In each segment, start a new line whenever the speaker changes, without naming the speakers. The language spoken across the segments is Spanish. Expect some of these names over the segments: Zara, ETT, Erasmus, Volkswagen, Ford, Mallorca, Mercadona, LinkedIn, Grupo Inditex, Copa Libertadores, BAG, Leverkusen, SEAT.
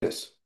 Es.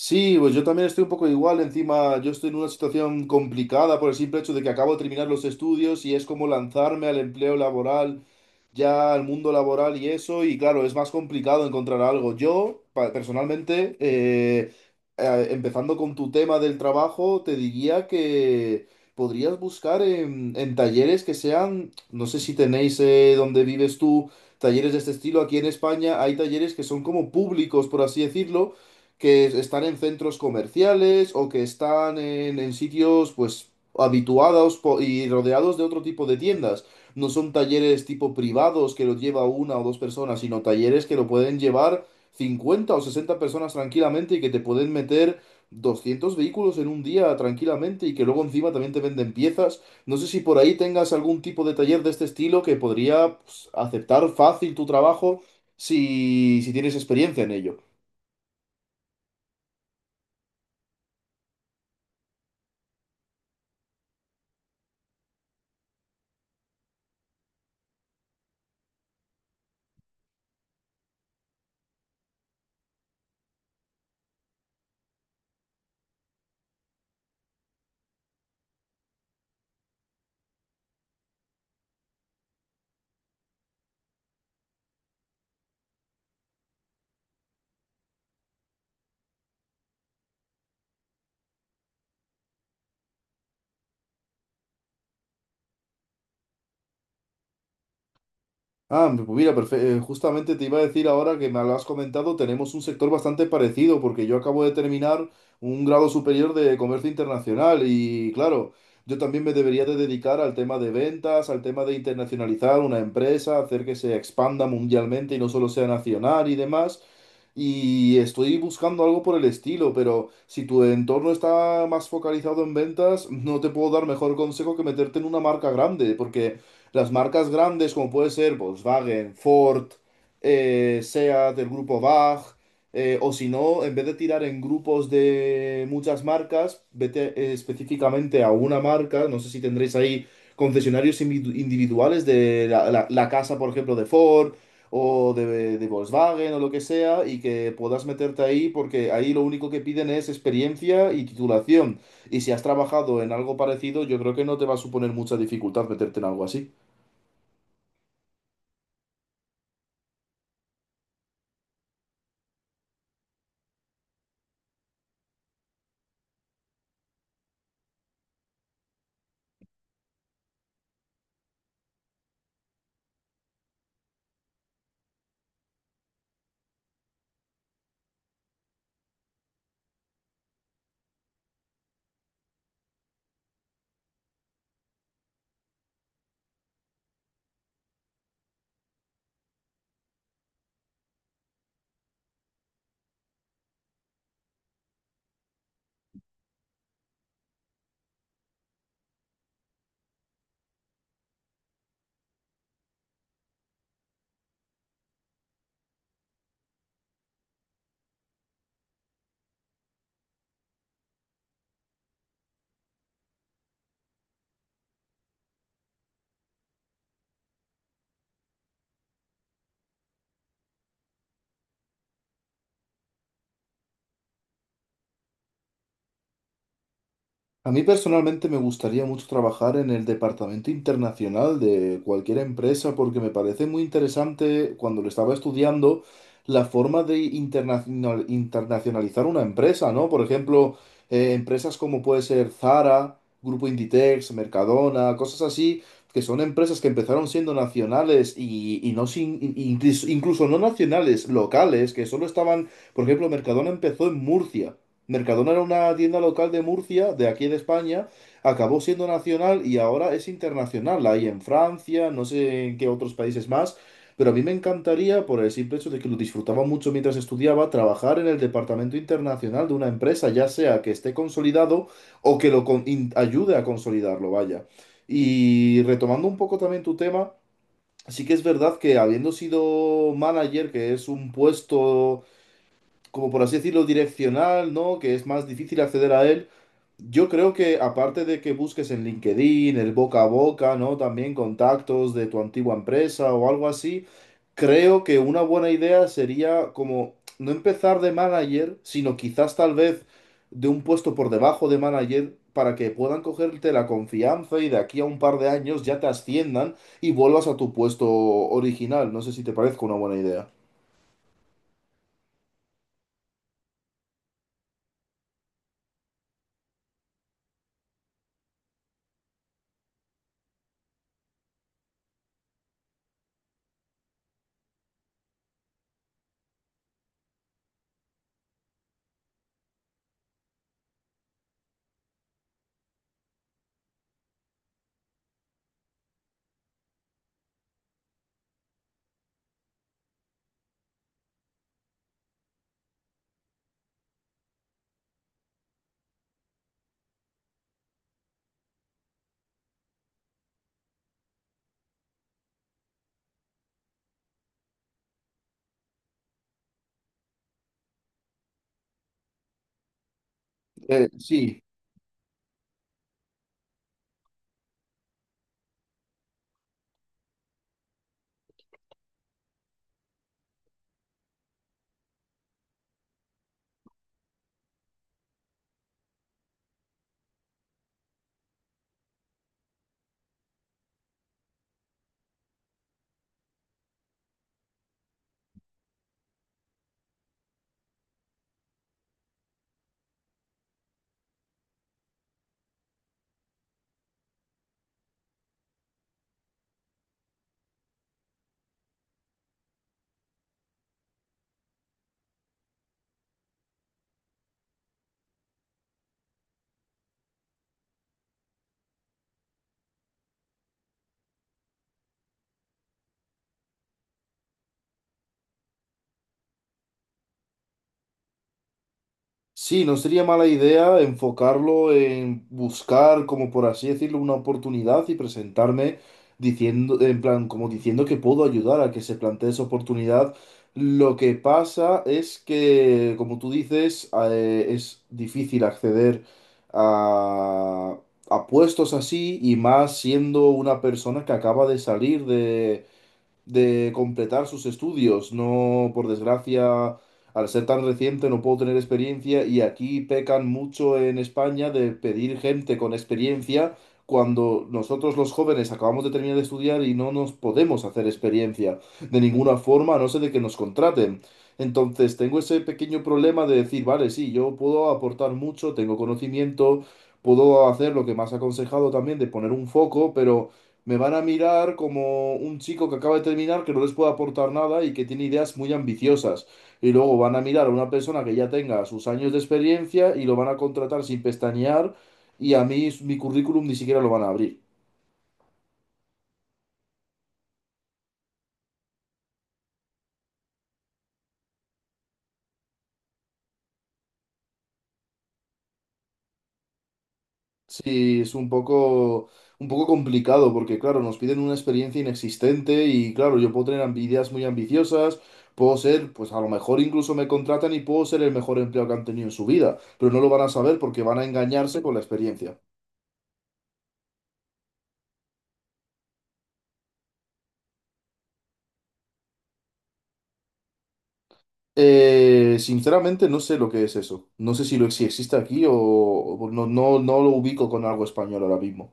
Sí, pues yo también estoy un poco igual, encima yo estoy en una situación complicada por el simple hecho de que acabo de terminar los estudios y es como lanzarme al empleo laboral, ya al mundo laboral y eso, y claro, es más complicado encontrar algo. Yo, personalmente, empezando con tu tema del trabajo, te diría que podrías buscar en talleres que sean, no sé si tenéis donde vives tú, talleres de este estilo. Aquí en España hay talleres que son como públicos, por así decirlo, que están en centros comerciales o que están en sitios pues y rodeados de otro tipo de tiendas. No son talleres tipo privados que los lleva una o dos personas, sino talleres que lo pueden llevar 50 o 60 personas tranquilamente y que te pueden meter 200 vehículos en un día tranquilamente y que luego encima también te venden piezas. No sé si por ahí tengas algún tipo de taller de este estilo que podría, pues, aceptar fácil tu trabajo si tienes experiencia en ello. Ah, pues mira, justamente te iba a decir ahora que me lo has comentado, tenemos un sector bastante parecido porque yo acabo de terminar un grado superior de comercio internacional y, claro, yo también me debería de dedicar al tema de ventas, al tema de internacionalizar una empresa, hacer que se expanda mundialmente y no solo sea nacional y demás. Y estoy buscando algo por el estilo, pero si tu entorno está más focalizado en ventas, no te puedo dar mejor consejo que meterte en una marca grande, porque las marcas grandes, como puede ser Volkswagen, Ford, SEAT, el grupo BAG, o si no, en vez de tirar en grupos de muchas marcas, vete específicamente a una marca. No sé si tendréis ahí concesionarios individuales de la casa, por ejemplo, de Ford o de Volkswagen o lo que sea, y que puedas meterte ahí porque ahí lo único que piden es experiencia y titulación. Y si has trabajado en algo parecido, yo creo que no te va a suponer mucha dificultad meterte en algo así. A mí personalmente me gustaría mucho trabajar en el departamento internacional de cualquier empresa porque me parece muy interesante cuando lo estaba estudiando la forma de internacionalizar una empresa, ¿no? Por ejemplo, empresas como puede ser Zara, Grupo Inditex, Mercadona, cosas así, que son empresas que empezaron siendo nacionales incluso no nacionales, locales, que solo estaban, por ejemplo, Mercadona empezó en Murcia. Mercadona era una tienda local de Murcia, de aquí de España, acabó siendo nacional y ahora es internacional. La hay en Francia, no sé en qué otros países más, pero a mí me encantaría, por el simple hecho de que lo disfrutaba mucho mientras estudiaba, trabajar en el departamento internacional de una empresa, ya sea que esté consolidado o que ayude a consolidarlo, vaya. Y retomando un poco también tu tema, sí que es verdad que habiendo sido manager, que es un puesto, como por así decirlo, direccional, ¿no? Que es más difícil acceder a él. Yo creo que aparte de que busques en LinkedIn, el boca a boca, ¿no? También contactos de tu antigua empresa o algo así, creo que una buena idea sería como no empezar de manager, sino quizás tal vez de un puesto por debajo de manager para que puedan cogerte la confianza y de aquí a un par de años ya te asciendan y vuelvas a tu puesto original. No sé si te parece una buena idea. Sí. Sí, no sería mala idea enfocarlo en buscar, como por así decirlo, una oportunidad y presentarme diciendo, en plan, como diciendo que puedo ayudar a que se plantee esa oportunidad. Lo que pasa es que, como tú dices, es difícil acceder a, a puestos así y más siendo una persona que acaba de salir de completar sus estudios. No, por desgracia, al ser tan reciente no puedo tener experiencia y aquí pecan mucho en España de pedir gente con experiencia cuando nosotros los jóvenes acabamos de terminar de estudiar y no nos podemos hacer experiencia de ninguna forma, a no ser de que nos contraten. Entonces, tengo ese pequeño problema de decir, vale, sí, yo puedo aportar mucho, tengo conocimiento, puedo hacer lo que me has aconsejado también de poner un foco, pero me van a mirar como un chico que acaba de terminar, que no les puede aportar nada y que tiene ideas muy ambiciosas. Y luego van a mirar a una persona que ya tenga sus años de experiencia y lo van a contratar sin pestañear, y a mí mi currículum ni siquiera lo van a abrir. Sí, es un poco complicado porque, claro, nos piden una experiencia inexistente y, claro, yo puedo tener ideas muy ambiciosas, puedo ser, pues a lo mejor incluso me contratan y puedo ser el mejor empleado que han tenido en su vida, pero no lo van a saber porque van a engañarse con la experiencia. Sinceramente no sé lo que es eso. No sé si existe aquí o no, no lo ubico con algo español ahora mismo.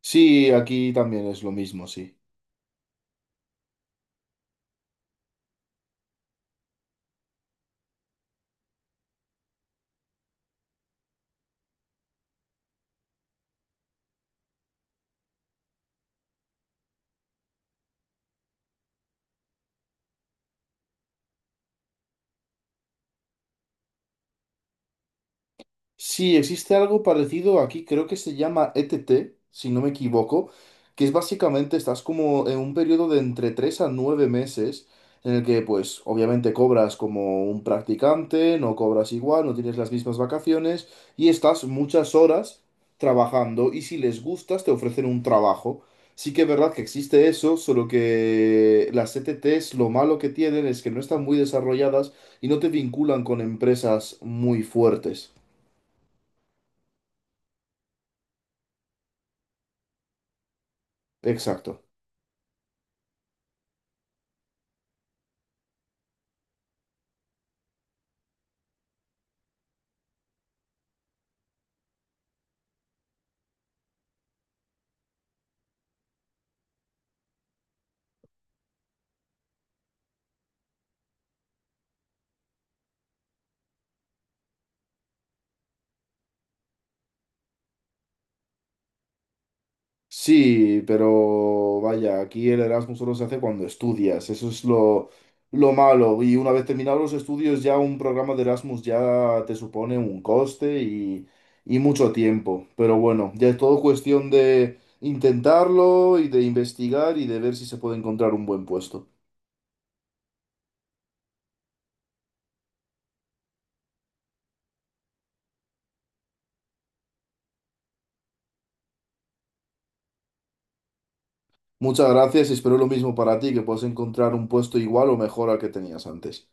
Sí, aquí también es lo mismo, sí. Sí, existe algo parecido aquí, creo que se llama ETT, si no me equivoco, que es básicamente estás como en un periodo de entre 3 a 9 meses en el que pues obviamente cobras como un practicante, no cobras igual, no tienes las mismas vacaciones y estás muchas horas trabajando, y si les gustas te ofrecen un trabajo. Sí que es verdad que existe eso, solo que las ETTs lo malo que tienen es que no están muy desarrolladas y no te vinculan con empresas muy fuertes. Exacto. Sí, pero vaya, aquí el Erasmus solo se hace cuando estudias, eso es lo malo. Y una vez terminados los estudios, ya un programa de Erasmus ya te supone un coste y mucho tiempo. Pero bueno, ya es todo cuestión de intentarlo y de investigar y de ver si se puede encontrar un buen puesto. Muchas gracias y espero lo mismo para ti, que puedas encontrar un puesto igual o mejor al que tenías antes.